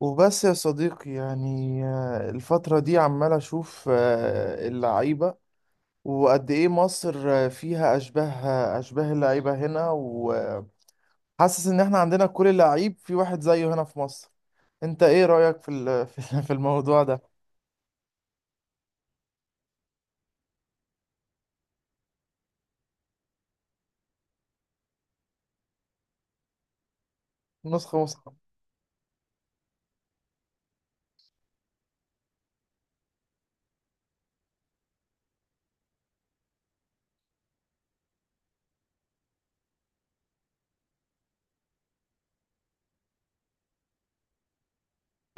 وبس يا صديقي يعني الفترة دي عمال أشوف اللعيبة، وقد إيه مصر فيها أشباه اللعيبة هنا، وحاسس إن إحنا عندنا كل لعيب في واحد زيه هنا في مصر. أنت إيه رأيك في في الموضوع ده؟ نسخة نسخة.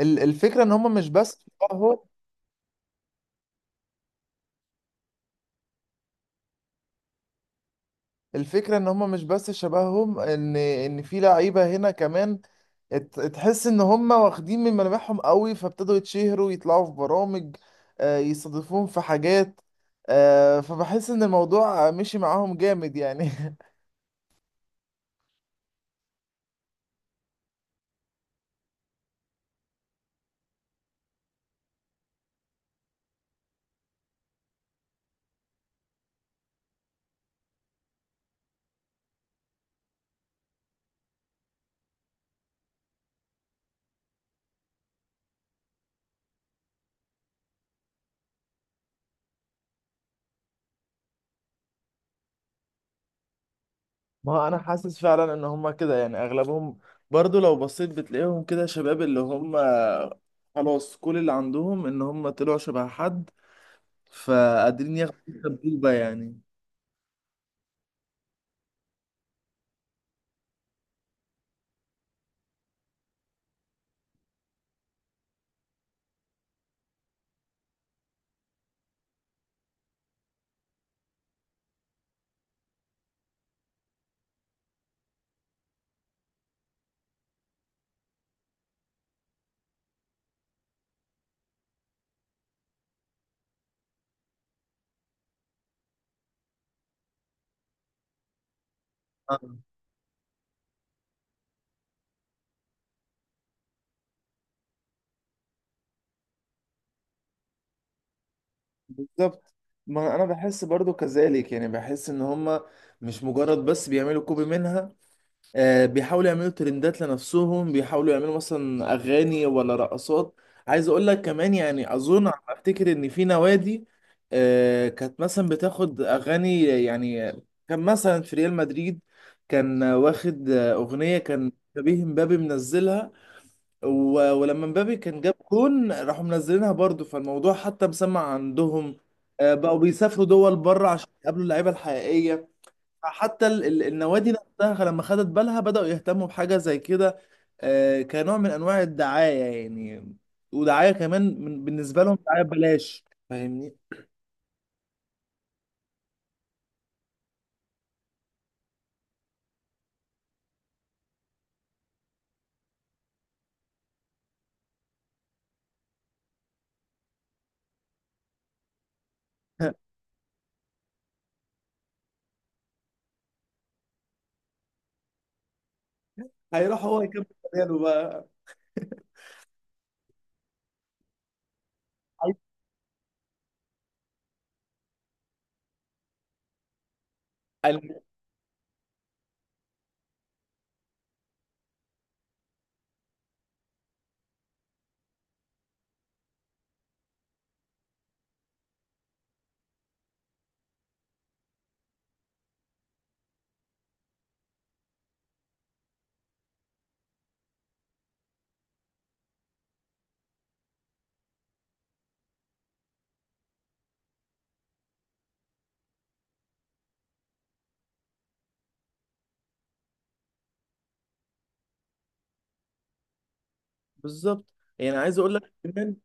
الفكرة إن هما مش بس. الفكرة ان هما مش بس شبههم، ان في لعيبة هنا كمان. تحس ان هما واخدين من ملامحهم قوي، فابتدوا يتشهروا، يطلعوا في برامج، يستضيفوهم في حاجات. فبحس ان الموضوع مشي معاهم جامد يعني. ما هو انا حاسس فعلا ان هما كده، يعني اغلبهم برضو لو بصيت بتلاقيهم كده شباب، اللي هما خلاص كل اللي عندهم ان هما طلعوا شبه حد، فقادرين ياخدوا السبوبة يعني. بالظبط. ما انا بحس برضو كذلك، يعني بحس ان هما مش مجرد بس بيعملوا كوبي منها. بيحاولوا يعملوا ترندات لنفسهم، بيحاولوا يعملوا مثلا اغاني ولا رقصات. عايز اقول لك كمان، يعني اظن على ما افتكر ان في نوادي كانت مثلا بتاخد اغاني يعني. كان مثلا في ريال مدريد كان واخد اغنية، كان شبيه مبابي منزلها. ولما مبابي كان جاب جون راحوا منزلينها برضو، فالموضوع حتى مسمع عندهم. بقوا بيسافروا دول بره عشان يقابلوا اللعيبه الحقيقيه. حتى النوادي نفسها لما خدت بالها بدأوا يهتموا بحاجه زي كده، كنوع من انواع الدعايه يعني. ودعايه كمان بالنسبه لهم دعايه ببلاش، فاهمني. هيروح هو يكمل مكانه بقى. عايز- بالظبط، يعني عايز اقول لك كمان،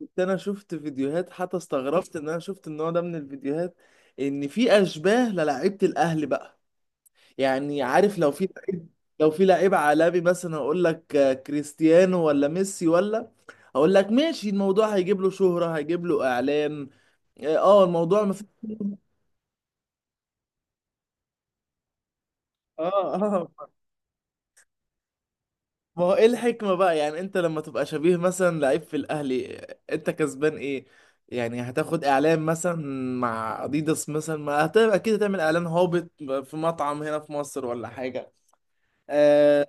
كنت انا شفت فيديوهات، حتى استغربت ان انا شفت النوع ده من الفيديوهات، ان في اشباه للاعيبه الاهلي بقى. يعني عارف، لو في لعيب، لو في لعيب عالمي مثلا اقول لك كريستيانو ولا ميسي ولا، اقول لك ماشي الموضوع هيجيب له شهرة، هيجيب له اعلان. اه الموضوع ما فيه. اه اه. ما هو ايه الحكمة بقى؟ يعني انت لما تبقى شبيه مثلا لعيب في الاهلي انت كسبان ايه؟ يعني هتاخد اعلان مثلا مع اديداس مثلا، ما هت- اكيد هتعمل اعلان هابط في مطعم هنا في مصر ولا حاجة. آه.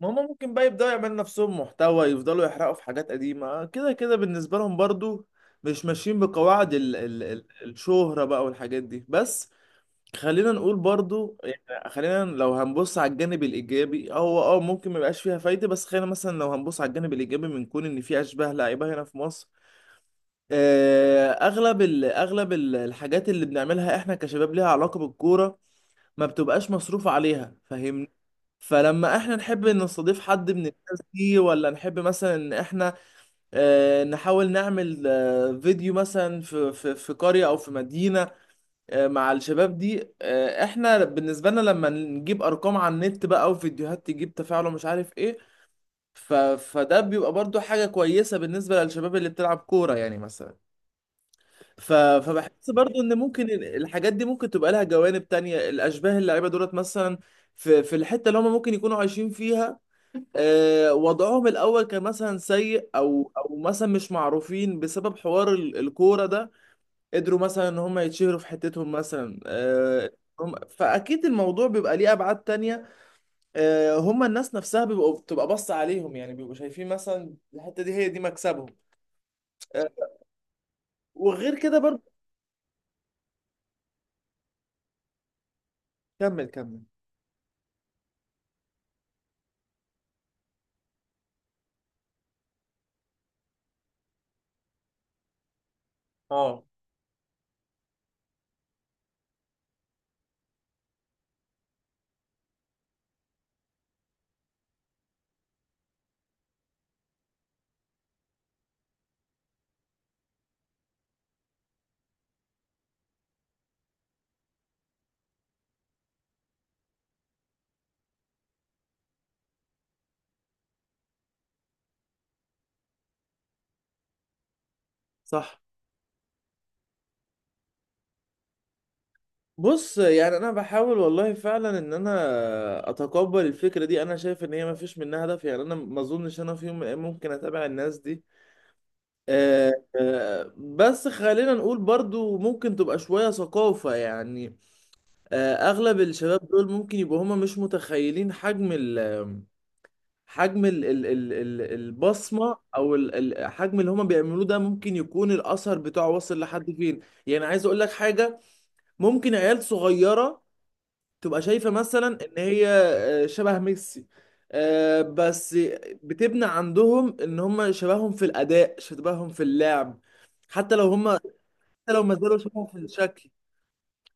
ما هما ممكن بقى يبدأوا يعملوا نفسهم محتوى، يفضلوا يحرقوا في حاجات قديمة كده كده بالنسبة لهم، برضو مش ماشيين بقواعد ال ال ال الشهرة بقى والحاجات دي بس. خلينا نقول برضو، يعني خلينا لو هنبص على الجانب الايجابي، هو اه ممكن ما يبقاش فيها فايده، بس خلينا مثلا لو هنبص على الجانب الايجابي من كون ان في اشباه لعيبه هنا في مصر. اغلب الحاجات اللي بنعملها احنا كشباب ليها علاقه بالكوره، ما بتبقاش مصروف عليها، فاهمني. فلما احنا نحب ان نستضيف حد من الناس دي، ولا نحب مثلا ان احنا نحاول نعمل فيديو مثلا في في قريه او في مدينه مع الشباب دي، احنا بالنسبه لنا لما نجيب ارقام على النت بقى، او فيديوهات تجيب تفاعل ومش عارف ايه. فده بيبقى برضو حاجه كويسه بالنسبه للشباب اللي بتلعب كوره يعني مثلا. فبحس برضو ان ممكن الحاجات دي ممكن تبقى لها جوانب تانية، الاشباه اللعيبه دولت مثلا في الحته اللي هم ممكن يكونوا عايشين فيها، وضعهم الاول كان مثلا سيء، او مثلا مش معروفين بسبب حوار الكوره ده، قدروا مثلا ان هم يتشهروا في حتتهم مثلا. هم فاكيد الموضوع بيبقى ليه ابعاد تانية. هم الناس نفسها بيبقوا بتبقى بص عليهم، يعني بيبقوا شايفين مثلا الحتة دي هي دي مكسبهم. آه، وغير كده برضه. كمل كمل. اه صح. بص يعني، انا بحاول والله فعلا ان انا اتقبل الفكرة دي، انا شايف ان هي ما فيش منها هدف يعني، انا ما اظنش انا في يوم من الأيام ممكن اتابع الناس دي. بس خلينا نقول برضو ممكن تبقى شوية ثقافة يعني. اغلب الشباب دول ممكن يبقوا هما مش متخيلين حجم ال حجم ال ال ال ال البصمه او الحجم اللي هما بيعملوه ده ممكن يكون الاثر بتاعه واصل لحد فين. يعني عايز اقول لك حاجه، ممكن عيال صغيره تبقى شايفه مثلا ان هي شبه ميسي، بس بتبنى عندهم ان هما شبههم في الاداء، شبههم في اللعب حتى لو هما، حتى لو ما زالوا شبههم في الشكل.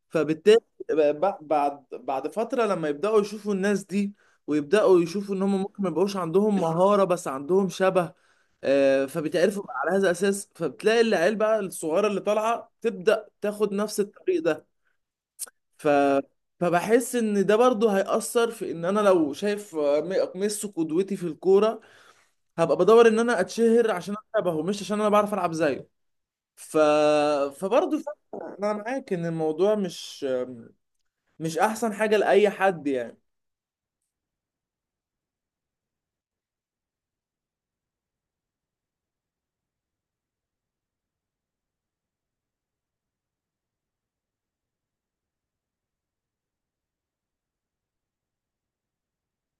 فبالتالي بعد فترة لما يبدأوا يشوفوا الناس دي، ويبدأوا يشوفوا ان هم ممكن ما يبقوش عندهم مهارة بس عندهم شبه، فبيتعرفوا بقى على هذا الأساس، فبتلاقي العيال بقى الصغيرة اللي طالعة تبدأ تاخد نفس الطريق ده. ف فبحس ان ده برضه هيأثر في ان انا لو شايف ميسي قدوتي في الكورة، هبقى بدور ان انا اتشهر عشان انا شبهه مش عشان انا بعرف العب زيه. ف فبرضه فعلاً انا معاك ان الموضوع مش احسن حاجة لأي حد يعني.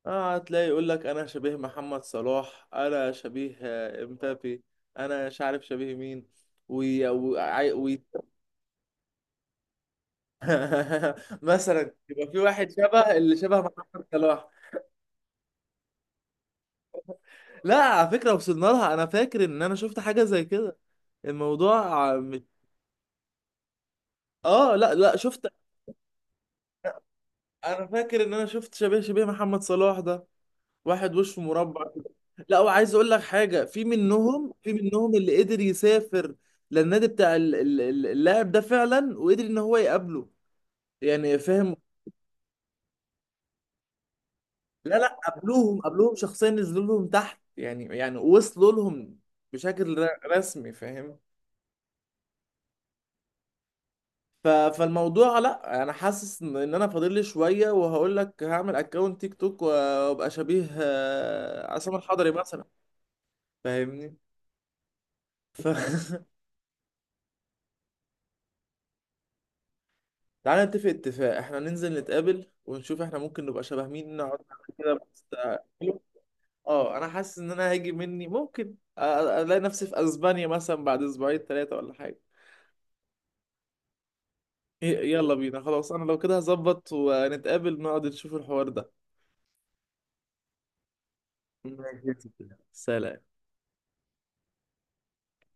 اه، هتلاقي يقول لك انا شبيه محمد صلاح، انا شبيه امبابي، انا مش عارف شبيه مين. وي... وي... وي... مثلا يبقى في واحد شبه اللي شبه محمد صلاح. لا، على فكرة، وصلنا لها، انا فاكر ان انا شفت حاجة زي كده. الموضوع مش. اه لا لا شفت. انا فاكر ان انا شفت شبيه محمد صلاح ده، واحد وشه مربع كده. لا، وعايز اقول لك حاجه، في منهم اللي قدر يسافر للنادي بتاع اللاعب ده فعلا، وقدر ان هو يقابله، يعني فاهم. لا لا، قابلوهم قابلوهم شخصيا، نزلوا لهم تحت، يعني وصلوا لهم بشكل رسمي، فاهم. ف- فالموضوع لا انا حاسس ان انا فاضل لي شويه، وهقول لك هعمل اكونت تيك توك وابقى شبيه عصام الحضري مثلا، فاهمني. ف... تعالى نتفق اتفاق، احنا ننزل نتقابل ونشوف احنا ممكن نبقى شبه مين، نقعد نعمل كده بس. اه، انا حاسس ان انا هاجي مني، ممكن الاقي نفسي في اسبانيا مثلا بعد اسبوعين 3 ولا حاجة. يلا بينا خلاص، انا لو كده هظبط ونتقابل نقعد نشوف الحوار ده. ماشي يا ستي. سلام.